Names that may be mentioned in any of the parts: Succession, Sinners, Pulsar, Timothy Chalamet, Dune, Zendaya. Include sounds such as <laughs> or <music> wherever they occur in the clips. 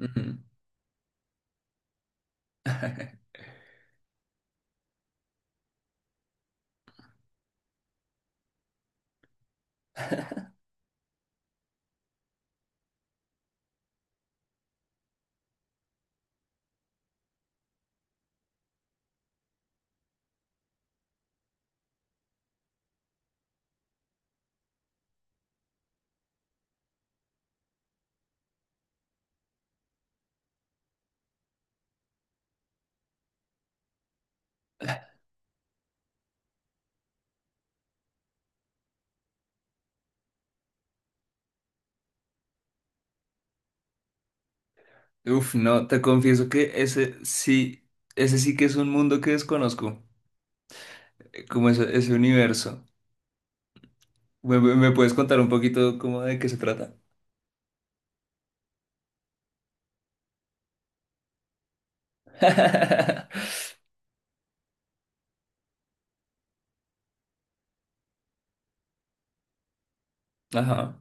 Ujú. <laughs> Uf, no, te confieso que ese sí que es un mundo que desconozco, como ese universo. ¿Me puedes contar un poquito cómo de qué se trata? <laughs> Ajá,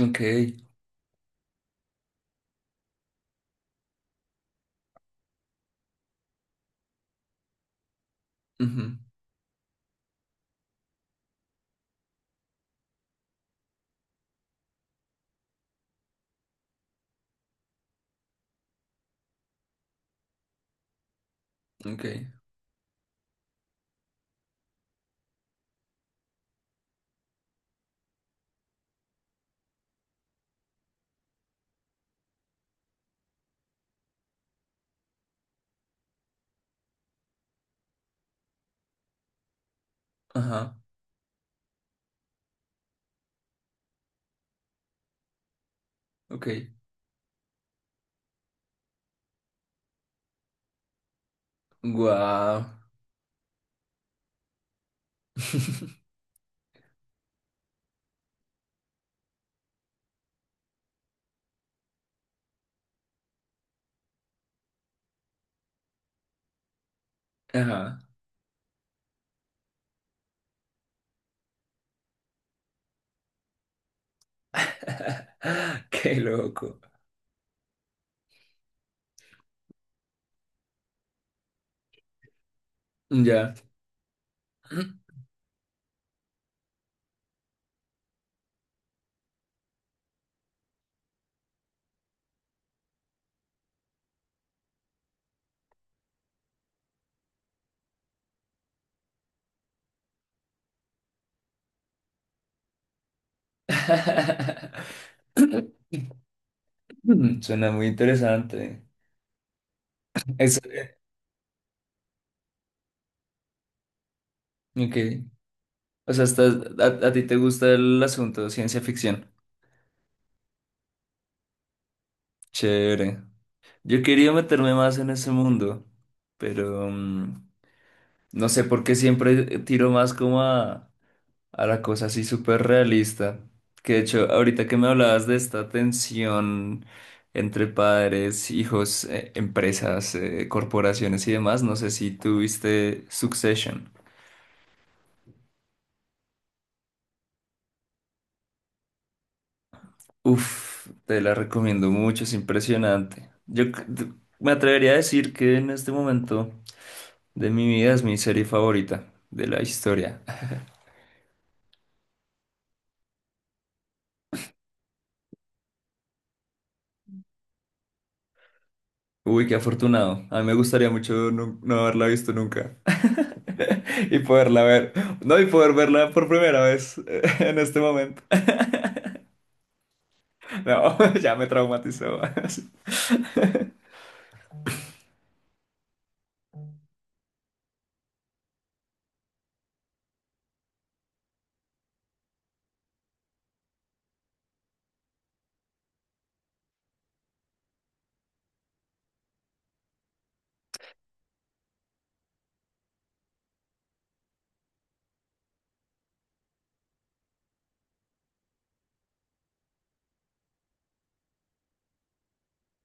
ok, ujú, ok, ajá, ok, guau, <laughs> ajá, <laughs> qué loco, ya. <laughs> Suena muy interesante. Es, eh, ok, O sea, a ti te gusta el asunto de ciencia ficción. Chévere. Yo quería meterme más en ese mundo, pero no sé por qué siempre tiro más como a la cosa así súper realista. Que de hecho, ahorita que me hablabas de esta tensión entre padres, hijos, empresas, corporaciones y demás, no sé si tuviste Succession. Uf, te la recomiendo mucho, es impresionante. Me atrevería a decir que en este momento de mi vida es mi serie favorita de la historia. <laughs> Uy, qué afortunado. A mí me gustaría mucho no, haberla visto nunca. <laughs> Y poderla ver. No, y poder verla por primera vez <laughs> en este momento. <laughs> No, <laughs> ya me traumatizó.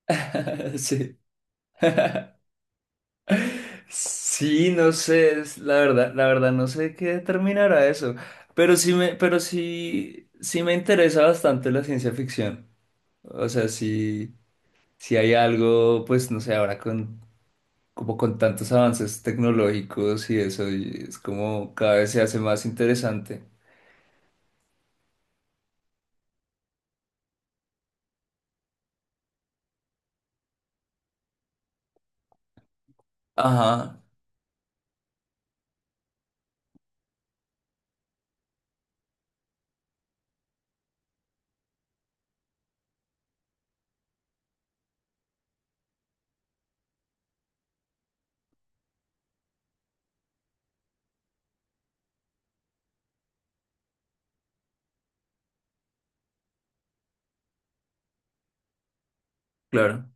<laughs> Sí. <laughs> Sí, no sé, la verdad no sé qué determinará eso, pero sí me, pero sí, sí me interesa bastante la ciencia ficción. O sea, si hay algo, pues no sé, ahora con como con tantos avances tecnológicos y eso, y es como cada vez se hace más interesante. Ajá, claro.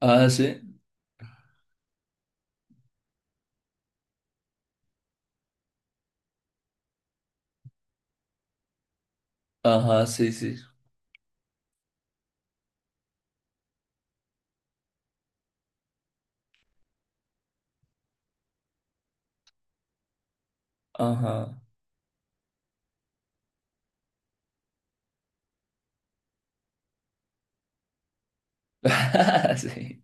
Ah, sí. Ajá, sí, sí. Ajá. <laughs> Sí.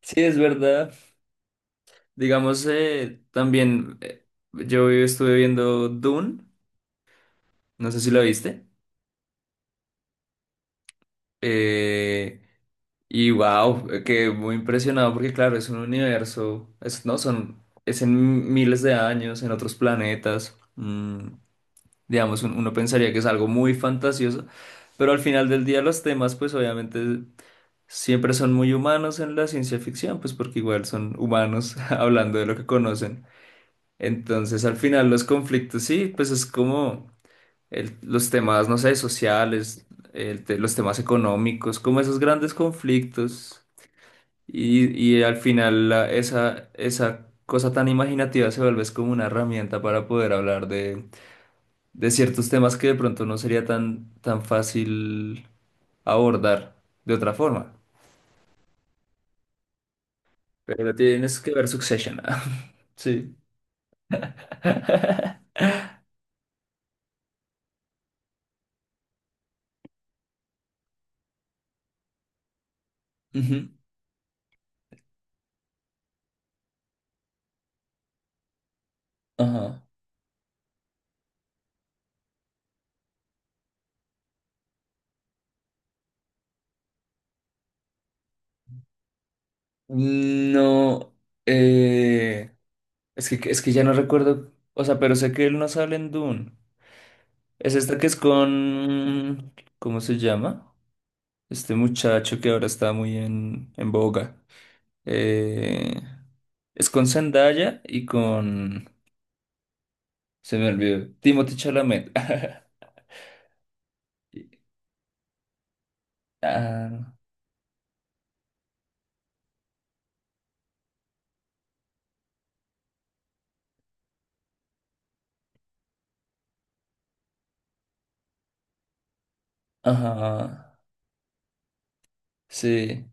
Sí, es verdad. Digamos, también, yo estuve viendo Dune, no sé si lo viste, eh, y wow, quedé muy impresionado porque claro, es un universo, es, no, son, es en miles de años, en otros planetas, digamos, uno pensaría que es algo muy fantasioso, pero al final del día los temas pues obviamente siempre son muy humanos en la ciencia ficción, pues porque igual son humanos <laughs> hablando de lo que conocen. Entonces, al final, los conflictos, sí, pues es como los temas, no sé, sociales, los temas económicos, como esos grandes conflictos. Y, y al final esa, esa cosa tan imaginativa se vuelve es como una herramienta para poder hablar de ciertos temas que de pronto no sería tan, tan fácil abordar de otra forma. Pero tienes que ver Succession. <laughs> Sí. Ujú. Ajá. No, eh, es que ya no recuerdo, o sea, pero sé que él no sale en Dune. Es esta que es con... ¿Cómo se llama? Este muchacho que ahora está muy en boga. Eh, es con Zendaya y con... Se me olvidó. Timothy Chalamet. <laughs> Ah, ajá. Sí.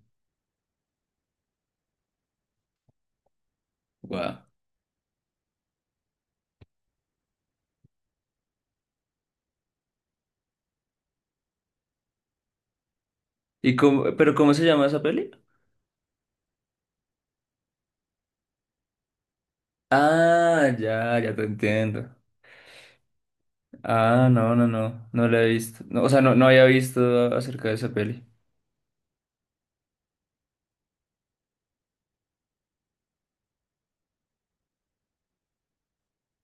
Wow. ¿Pero cómo se llama esa peli? Ah, ya, ya te entiendo. Ah, no, no, no. No la he visto. No, o sea, no, no había visto acerca de esa peli.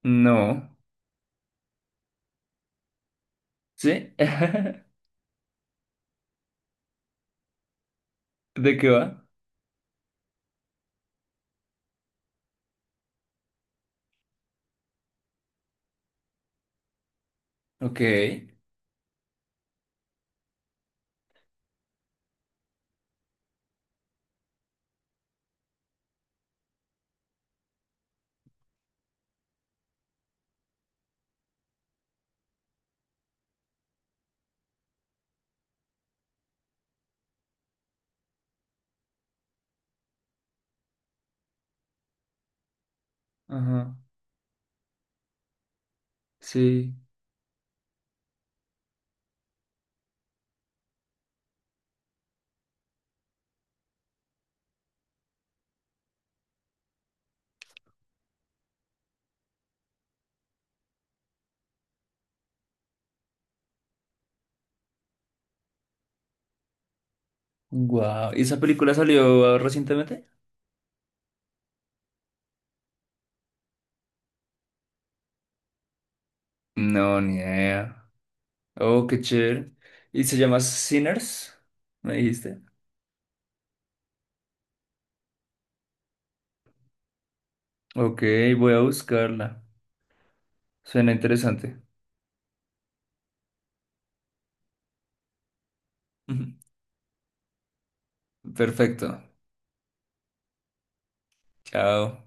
No. ¿Sí? <laughs> ¿De qué va? Ok. Ajá, sí. Wow. ¿Y esa película salió recientemente? No, ni idea. Oh, qué chévere. ¿Y se llama Sinners? ¿Me dijiste? Ok, voy a buscarla. Suena interesante. <laughs> Perfecto. Chao.